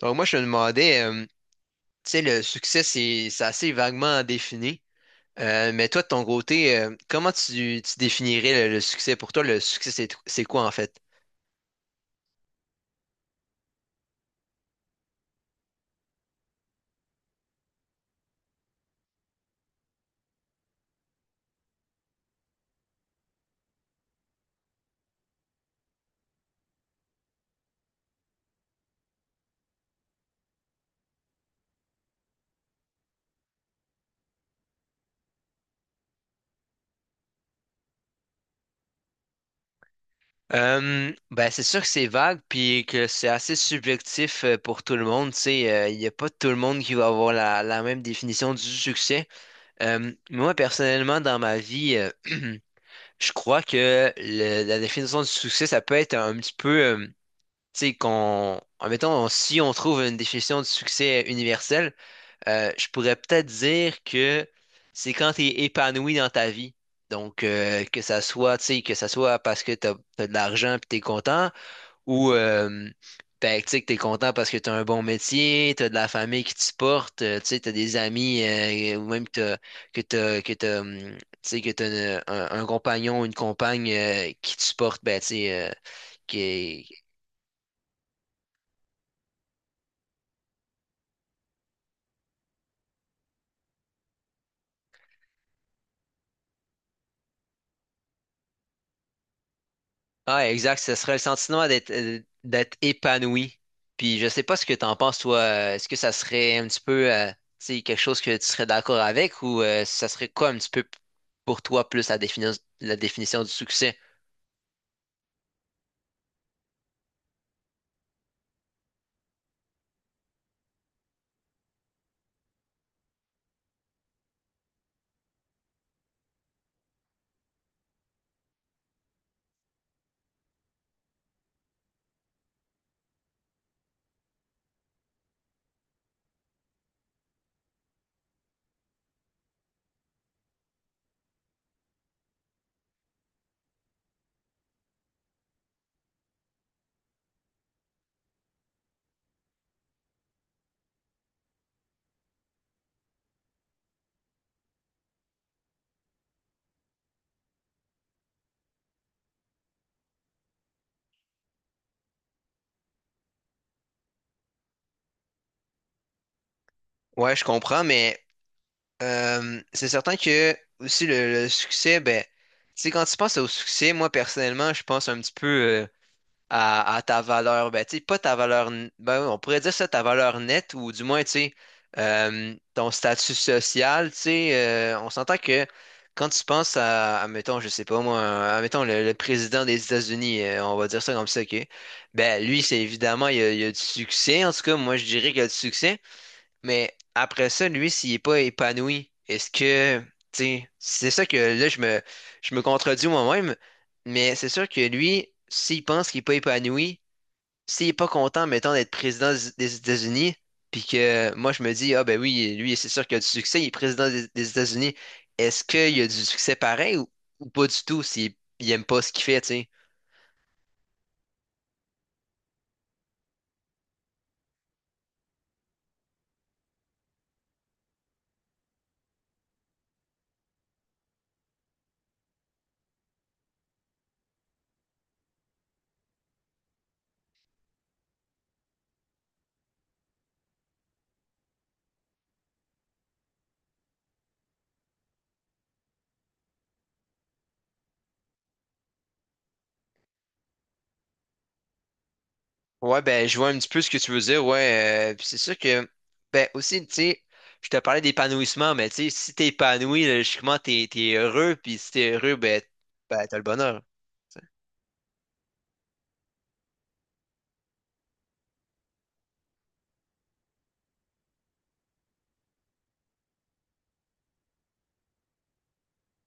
Donc moi, je me demandais, tu sais, le succès, c'est assez vaguement défini. Mais toi, de ton côté, comment tu définirais le succès? Pour toi, le succès, c'est quoi en fait? Ben, c'est sûr que c'est vague, puis que c'est assez subjectif pour tout le monde. Tu sais, il n'y a pas tout le monde qui va avoir la même définition du succès. Moi, personnellement, dans ma vie, je crois que la définition du succès, ça peut être un petit peu... tu sais, qu'on, admettons, si on trouve une définition du succès universel, je pourrais peut-être dire que c'est quand tu es épanoui dans ta vie. Donc, que ça soit, tu sais, que ça soit parce que tu as de l'argent puis tu es content, ou tu sais, que tu es content parce que tu as un bon métier, tu as de la famille qui te supporte, tu sais, tu as des amis, ou même que tu sais, que tu as un compagnon, une compagne qui te supporte, ben, tu sais, qui, Ah, exact. Ce serait le sentiment d'être d'être épanoui. Puis je sais pas ce que t'en penses, toi. Est-ce que ça serait un petit peu, tu sais, quelque chose que tu serais d'accord avec, ou ça serait quoi un petit peu pour toi plus la la définition du succès? Ouais, je comprends, mais c'est certain que aussi le succès, ben, tu sais, quand tu penses au succès, moi personnellement, je pense un petit peu à ta valeur, ben, tu sais, pas ta valeur, ben, on pourrait dire ça, ta valeur nette, ou du moins, tu sais, ton statut social, tu sais, on s'entend que quand tu penses à, mettons, je sais pas moi, à, mettons, le président des États-Unis, on va dire ça comme ça, OK, ben, lui, c'est évidemment, il a du succès, en tout cas, moi, je dirais qu'il a du succès, mais après ça, lui, s'il est pas épanoui, est-ce que, tu sais, c'est ça que là, je me contredis moi-même, mais c'est sûr que lui, s'il pense qu'il est pas épanoui, s'il est pas content, mettons, d'être président des États-Unis, puis que moi, je me dis, ah ben oui, lui, c'est sûr qu'il a du succès, il est président des États-Unis, est-ce qu'il a du succès pareil, ou pas du tout s'il il aime pas ce qu'il fait, tu sais? Ouais, ben, je vois un petit peu ce que tu veux dire, ouais. Puis c'est sûr que, ben, aussi, tu sais, je te parlais d'épanouissement, mais tu sais, si t'es épanoui, logiquement, t'es heureux, puis si t'es heureux, ben, t'as le bonheur. Tu sais.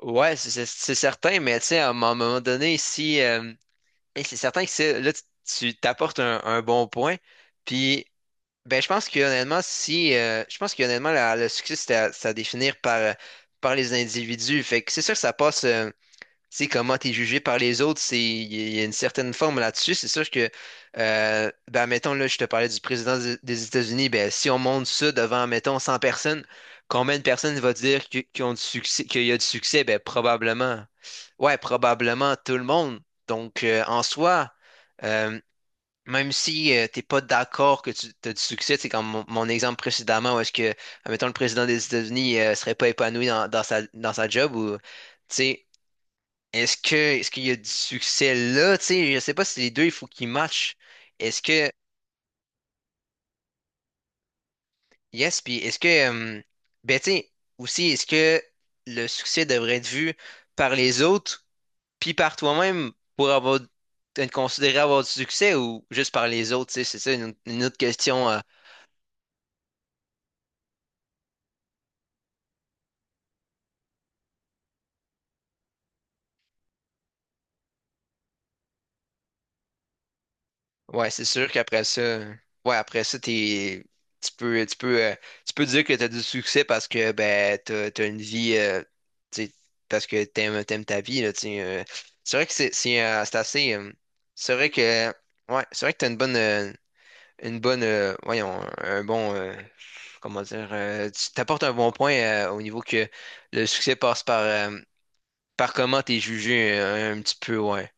Ouais, c'est certain, mais tu sais, à un moment donné, si, et c'est certain que c'est, là, tu t'apportes un bon point, puis, ben, je pense que honnêtement, si, je pense que honnêtement, le succès, c'est à définir par, par les individus, fait que c'est sûr que ça passe. Sais, comment t'es jugé par les autres, c'est, il y a une certaine forme là-dessus. C'est sûr que, ben, mettons, là, je te parlais du président des États-Unis, ben, si on monte ça devant, mettons, 100 personnes, combien de personnes va dire qu'ils ont du succès, qu'il y a du succès? Ben, probablement, ouais, probablement tout le monde. Donc, en soi, euh, même si tu t'es pas d'accord que tu as du succès, c'est comme mon exemple précédemment, où est-ce que, mettons, le président des États-Unis, serait pas épanoui dans, dans sa job, ou tu sais, est-ce qu'il y a du succès là? Tu sais, je sais pas si les deux, il faut qu'ils matchent. Est-ce que yes, puis est-ce que euh, ben tu sais, aussi est-ce que le succès devrait être vu par les autres puis par toi-même pour avoir être considéré avoir du succès, ou juste par les autres, tu sais, c'est ça une autre question ouais, c'est sûr qu'après ça, ouais, après ça, tu peux, tu peux, euh, tu peux dire que t'as du succès parce que ben t'as une vie, tu sais, parce que t'aimes ta vie là, tu sais. C'est vrai que c'est assez, c'est vrai que, ouais, c'est vrai que t'as une bonne, voyons, un bon, comment dire, tu t'apportes un bon point au niveau que le succès passe par, par comment t'es jugé un petit peu, ouais.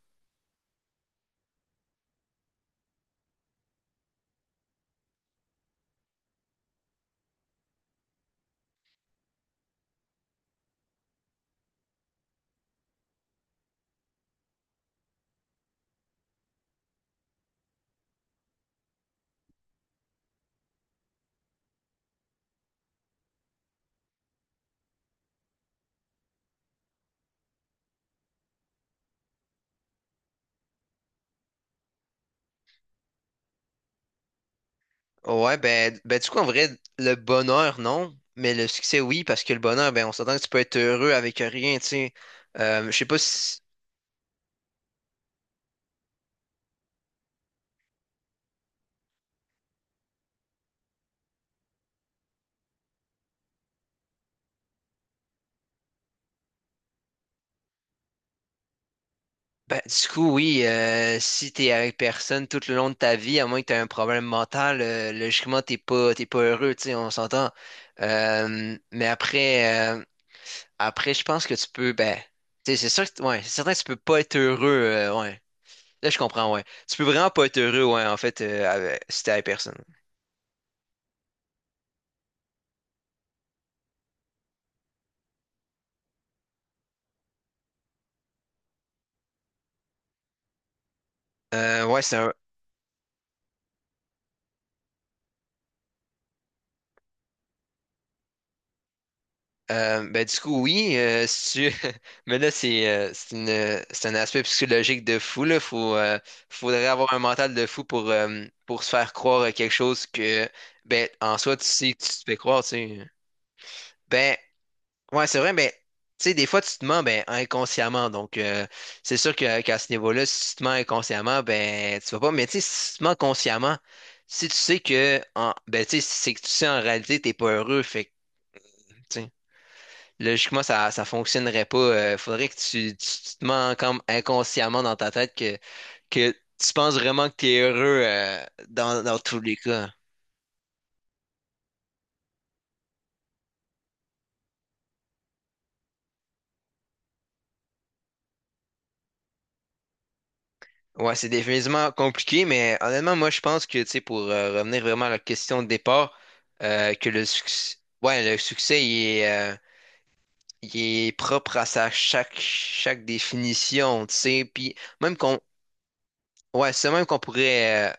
Ouais, ben, ben du coup, en vrai, le bonheur, non, mais le succès, oui, parce que le bonheur, ben, on s'entend que tu peux être heureux avec rien, tu sais. Je sais pas si. Ben, du coup, oui, si t'es avec personne tout le long de ta vie, à moins que t'aies un problème mental, logiquement, t'es pas heureux, tu sais, on s'entend. Mais après, après, je pense que tu peux, ben, tu sais, c'est sûr que, ouais, c'est certain que tu peux pas être heureux, ouais. Là, je comprends, ouais. Tu peux vraiment pas être heureux, ouais, en fait, si t'es avec personne. Ouais, c'est un, euh, ben, du coup, oui, si tu- mais là, c'est une, c'est un aspect psychologique de fou, là. Faudrait avoir un mental de fou pour se faire croire à quelque chose que, ben, en soi, tu sais, que tu te fais croire, tu sais. Ben, ouais, c'est vrai, ben, tu sais, des fois, tu te mens, ben, inconsciemment. Donc, c'est sûr que, qu'à ce niveau-là, si tu te mens inconsciemment, ben, tu vas pas, mais tu sais, si tu te mens consciemment, si tu sais que, en, ben, tu sais, si c'est que tu sais, en réalité, t'es pas heureux, fait que, tu sais. Logiquement, ça fonctionnerait pas. Faudrait que tu te mens comme inconsciemment dans ta tête que tu penses vraiment que t'es heureux dans, dans tous les cas. Ouais, c'est définitivement compliqué, mais honnêtement, moi, je pense que, tu sais, pour revenir vraiment à la question de départ, que le succès, ouais, le succès, il est propre à sa chaque définition, tu sais, puis même qu'on, ouais, c'est même qu'on pourrait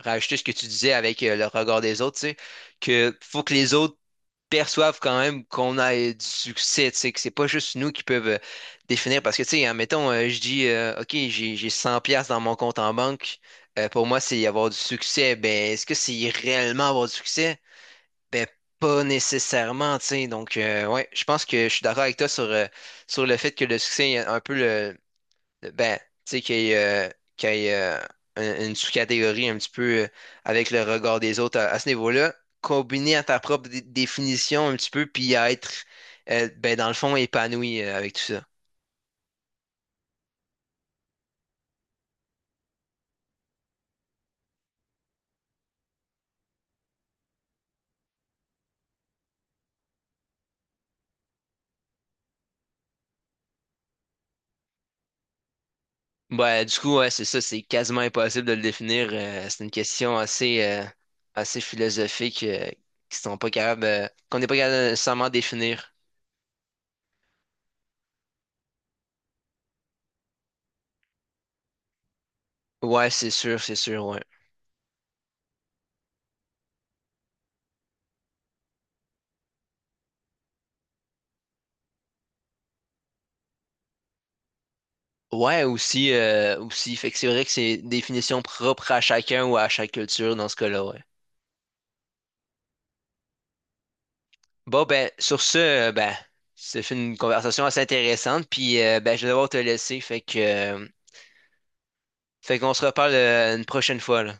rajouter ce que tu disais avec le regard des autres, tu sais, que faut que les autres perçoivent quand même qu'on a du succès, tu sais, que c'est pas juste nous qui peuvent définir. Parce que, tu sais, admettons, je dis, OK, j'ai 100 pièces dans mon compte en banque, pour moi, c'est avoir du succès. Ben, est-ce que c'est réellement avoir du succès? Ben, pas nécessairement, tu sais. Donc, ouais, je pense que je suis d'accord avec toi sur, sur le fait que le succès est un peu le, ben, tu sais, qu'il y ait, une sous-catégorie un petit peu avec le regard des autres à ce niveau-là, combiné à ta propre définition un petit peu, puis à être, ben, dans le fond, épanoui avec tout ça. Ben, du coup, ouais, c'est ça, c'est quasiment impossible de le définir. C'est une question assez, assez philosophique qui sont pas capables, qu'on n'est pas capable de nécessairement définir. Ouais, c'est sûr, ouais. Ouais, aussi, aussi. Fait que c'est vrai que c'est une définition propre à chacun ou à chaque culture dans ce cas-là, ouais. Bon, ben, sur ce, euh, ben, ça fait une conversation assez intéressante, puis ben, je vais devoir te laisser, fait que, fait qu'on se reparle une prochaine fois, là.